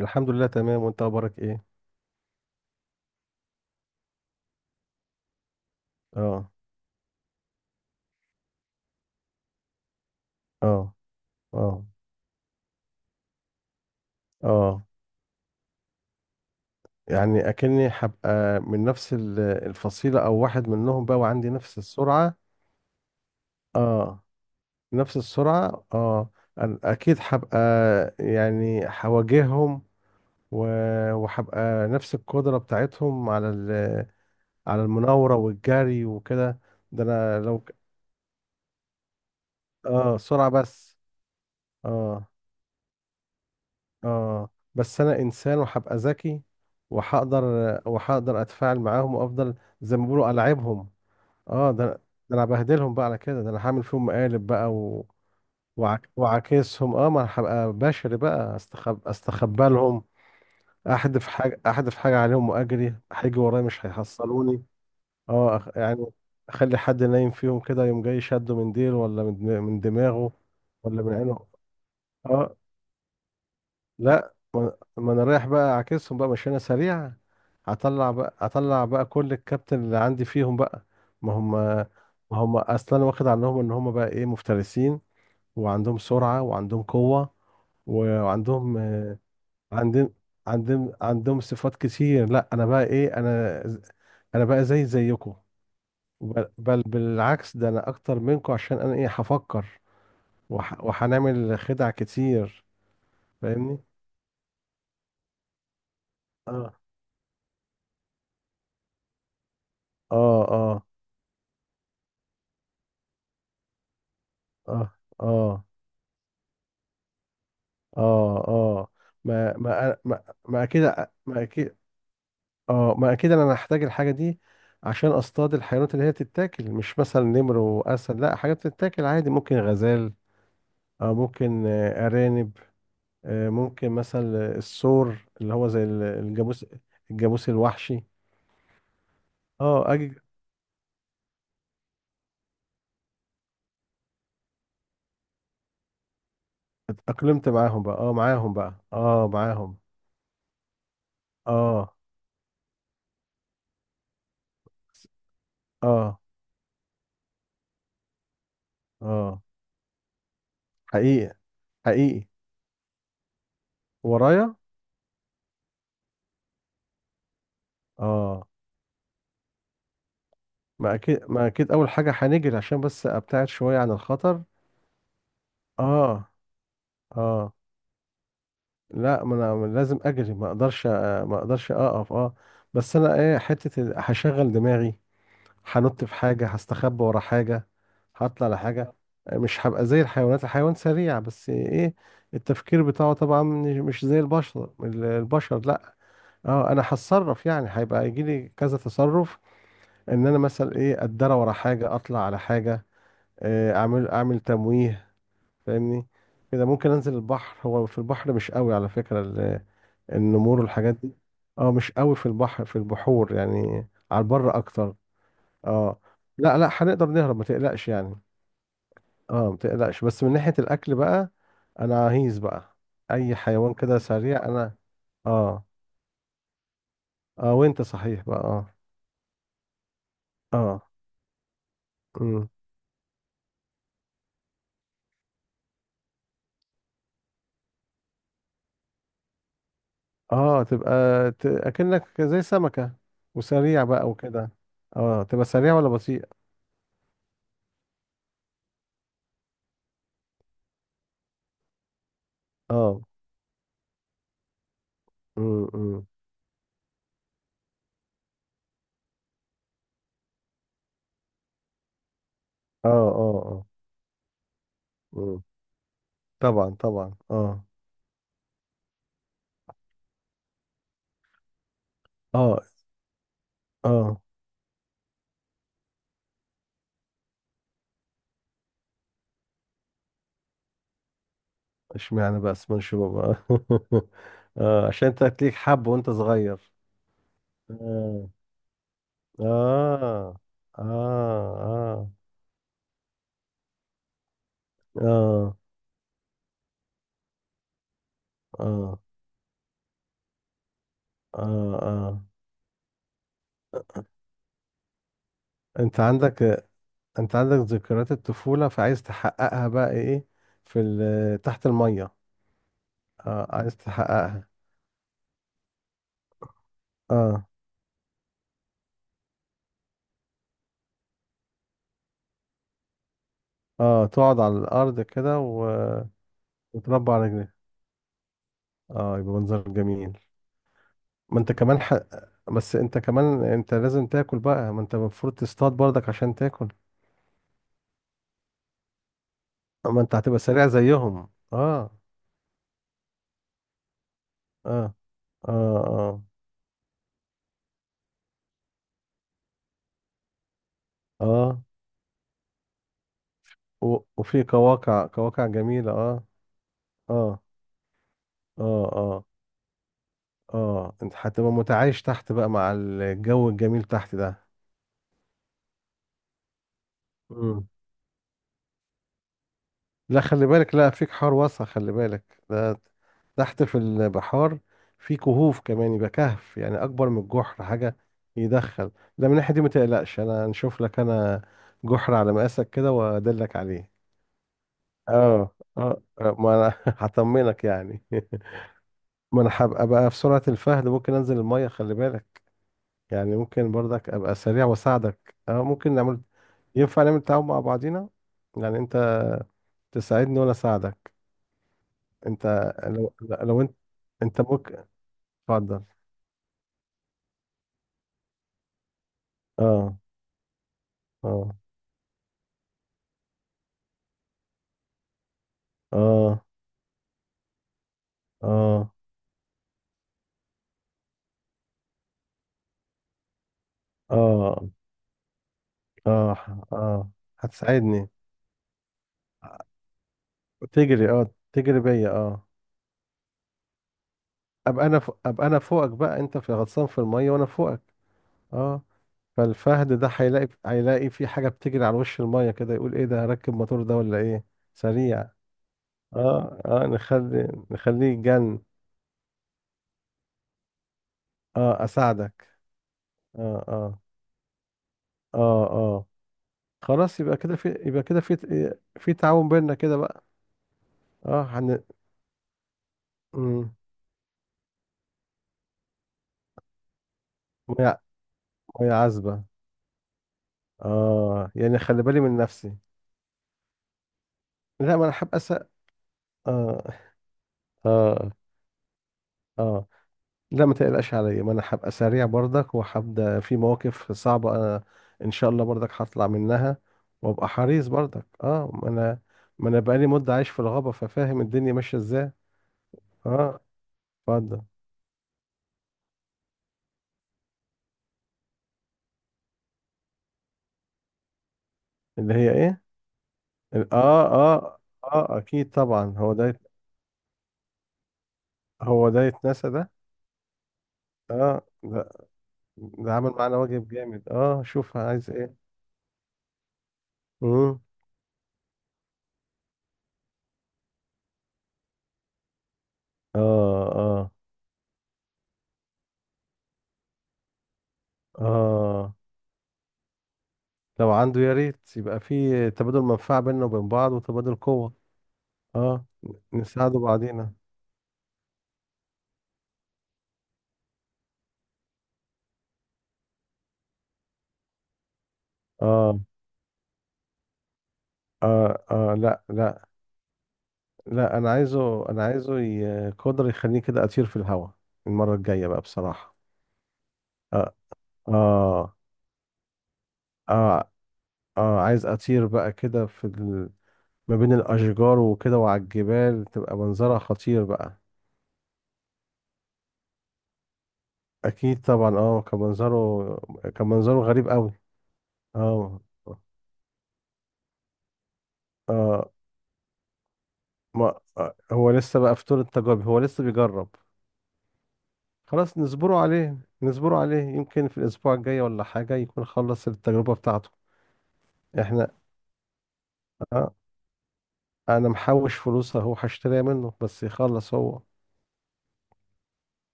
الحمد لله تمام، وانت اخبارك ايه؟ اه. اه. اه. اه. يعني اكني هبقى من نفس الفصيلة او واحد منهم بقى، وعندي نفس السرعة. اه. نفس السرعة. اه. أنا اكيد هبقى، يعني هواجههم، وهبقى نفس القدرة بتاعتهم على على المناورة والجري وكده. ده انا لو ك- اه، سرعة بس. اه. اه. بس انا انسان وهبقى ذكي، وهقدر وهقدر اتفاعل معاهم، وافضل زي ما بيقولوا العبهم. اه. ده انا بهدلهم بقى على كده، ده انا هعمل فيهم مقالب بقى وعاكسهم. اه، ما انا هبقى بشري بقى، استخبى لهم، احدف حاجه عليهم واجري، هيجي ورايا مش هيحصلوني. اه، يعني اخلي حد نايم فيهم كده يوم جاي، شده من ديله، ولا من من دماغه، ولا من عينه. اه. لا. لما انا رايح بقى اعكسهم بقى، مش انا سريع؟ هطلع بقى كل الكابتن اللي عندي فيهم بقى. ما هم ما هم اصلا انا واخد عنهم ان هم بقى ايه، مفترسين، وعندهم سرعة، وعندهم قوة، وعندهم عندهم عندهم صفات كتير. لا انا بقى ايه، انا انا بقى زي زيكم، بل بالعكس، ده انا اكتر منكم، عشان انا ايه، هفكر وهنعمل خدع كتير. فاهمني. اه. اه. اه. اه. اه. اه. اه. ما اكيد، ما اكيد. اه، ما اكيد انا هحتاج الحاجه دي عشان اصطاد الحيوانات اللي هي تتاكل، مش مثلا نمر واسد، لا، حاجات تتاكل عادي، ممكن غزال. اه، ممكن ارانب. ممكن مثلا الثور اللي هو زي الجاموس، الجاموس الوحشي. اه اجي اتاقلمت معاهم بقى، اه معاهم بقى، اه معاهم. اه. اه. اه. حقيقي، حقيقي، ورايا. اه، ما اكيد، ما اكيد، اول حاجه هنجري عشان بس ابتعد شويه عن الخطر. اه. اه. لا ما انا لازم اجري، ما اقدرش، ما اقدرش اقف. اه، بس انا ايه، حته هشغل دماغي، هنط في حاجه، هستخبى ورا حاجه، هطلع لحاجه. مش هبقى زي الحيوانات، الحيوان سريع بس ايه، التفكير بتاعه طبعا مش زي البشر، البشر، لا. اه، انا هتصرف، يعني هيبقى يجي لي كذا تصرف، ان انا مثلا ايه، اتدرى ورا حاجه، اطلع على حاجه، اعمل تمويه. فاهمني. كده ممكن انزل البحر، هو في البحر مش قوي على فكرة النمور والحاجات دي. اه، مش قوي في البحر، في البحور، يعني على البر اكتر. اه. لا، لا، هنقدر نهرب ما تقلقش يعني. اه، ما تقلقش. بس من ناحية الاكل بقى، انا عايز بقى اي حيوان كده سريع انا. اه. اه، وانت صحيح بقى. اه. اه امم اه تبقى، اكنك زي سمكة، وسريع بقى وكده. اه، تبقى سريع ولا بطيء؟ اه امم اه. اه. اه. مم. طبعا، طبعا. اه. اه. اه. اشمعنى بقى اسمه شباب؟ اه، عشان انت تليك حب وانت صغير. اه. اه. اه. اه. اه. اه. اه. انت عندك، انت عندك ذكريات الطفولة، فعايز تحققها بقى ايه في تحت المية. اه، عايز تحققها. اه. اه. تقعد على الارض كده وتربى على رجلك. اه، يبقى منظر جميل. ما انت كمان ح... بس انت كمان انت لازم تاكل بقى، ما انت المفروض تصطاد برضك عشان تاكل. ما انت هتبقى سريع زيهم. اه. اه. اه. اه. اه. وفي قواقع، قواقع جميلة. اه. اه. اه. اه. اه. انت هتبقى متعايش تحت بقى مع الجو الجميل تحت. ده لا، خلي بالك، لا، في بحار واسع، خلي بالك ده تحت في البحار، في كهوف كمان، يبقى كهف يعني اكبر من الجحر، حاجه يدخل. ده من الناحيه دي ما تقلقش، انا نشوف لك انا جحر على مقاسك كده وادلك عليه. اه. اه. ما انا هطمنك يعني. ما انا هبقى بقى في سرعه الفهد، ممكن انزل الميه خلي بالك، يعني ممكن برضك ابقى سريع واساعدك. اه، ممكن نعمل، ينفع نعمل تعاون مع بعضينا، يعني انت تساعدني وانا اساعدك. انت لو انت، انت ممكن، اتفضل. اه. اه. اه. اه. اه. اه. اه. هتساعدني، تجري، اه تجري بيا. اه. ابقى انا فوق، ابقى انا فوقك بقى، انت في غطسان في الميه وانا فوقك. اه. فالفهد ده هيلاقي في حاجه بتجري على وش الميه كده، يقول ايه ده، هركب موتور ده ولا ايه؟ سريع. اه. اه، نخليه يتجن. اه، اساعدك. اه. اه. اه. اه. خلاص، يبقى كده في، يبقى كده في، في تعاون بيننا كده بقى. اه. مم. مية، مية عذبة. اه، يعني خلي بالي من نفسي. لا ما انا هبقى س... اه. اه. اه. لا، ما تقلقش عليا، ما انا هبقى سريع برضك، وهبدا في مواقف صعبة انا، ان شاء الله برضك هطلع منها. وابقى حريص برضك. اه، ما انا بقالي مدة عايش في الغابة، ففاهم الدنيا ماشية ازاي. اه، اتفضل. اللي هي ايه؟ اه. اه. اه، اكيد طبعا، هو ده، هو ده، يتنسى ده؟ اه ده، ده عمل معانا واجب جامد، اه شوف عايز ايه. امم. اه. اه. اه. لو عنده يا ريت يبقى في تبادل منفعة بيننا وبين بعض، وتبادل قوة. اه، نساعده بعضينا. اه. اه. اه. لا، لا. لا، انا عايزه، انا عايزه قدر يخليني كده اطير في الهواء. المرة الجاية بقى بصراحة. اه. اه. اه, عايز اطير بقى كده في ما بين الأشجار وكده، وعلى الجبال، تبقى منظرها خطير بقى. أكيد طبعا. اه، كان منظره، كان منظره غريب أوي. اه. اه، ما هو لسه بقى في طور التجارب، هو لسه بيجرب. خلاص نصبره عليه، نصبره عليه، يمكن في الأسبوع الجاي ولا حاجة يكون خلص التجربة بتاعته. احنا، آه أنا محوش فلوس أهو، هشتريها منه بس يخلص هو. اه.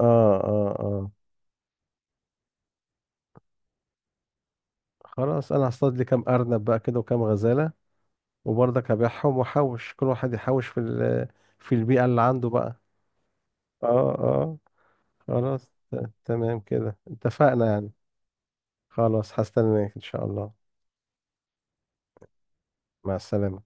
اه. اه. خلاص، أنا هصطاد لي كام أرنب بقى كده وكام غزالة، وبرضك هبيعهم، واحوش كل واحد يحوش في في البيئة اللي عنده بقى. اه. اه. خلاص تمام كده اتفقنا يعني. خلاص هستناك ان شاء الله. مع السلامة.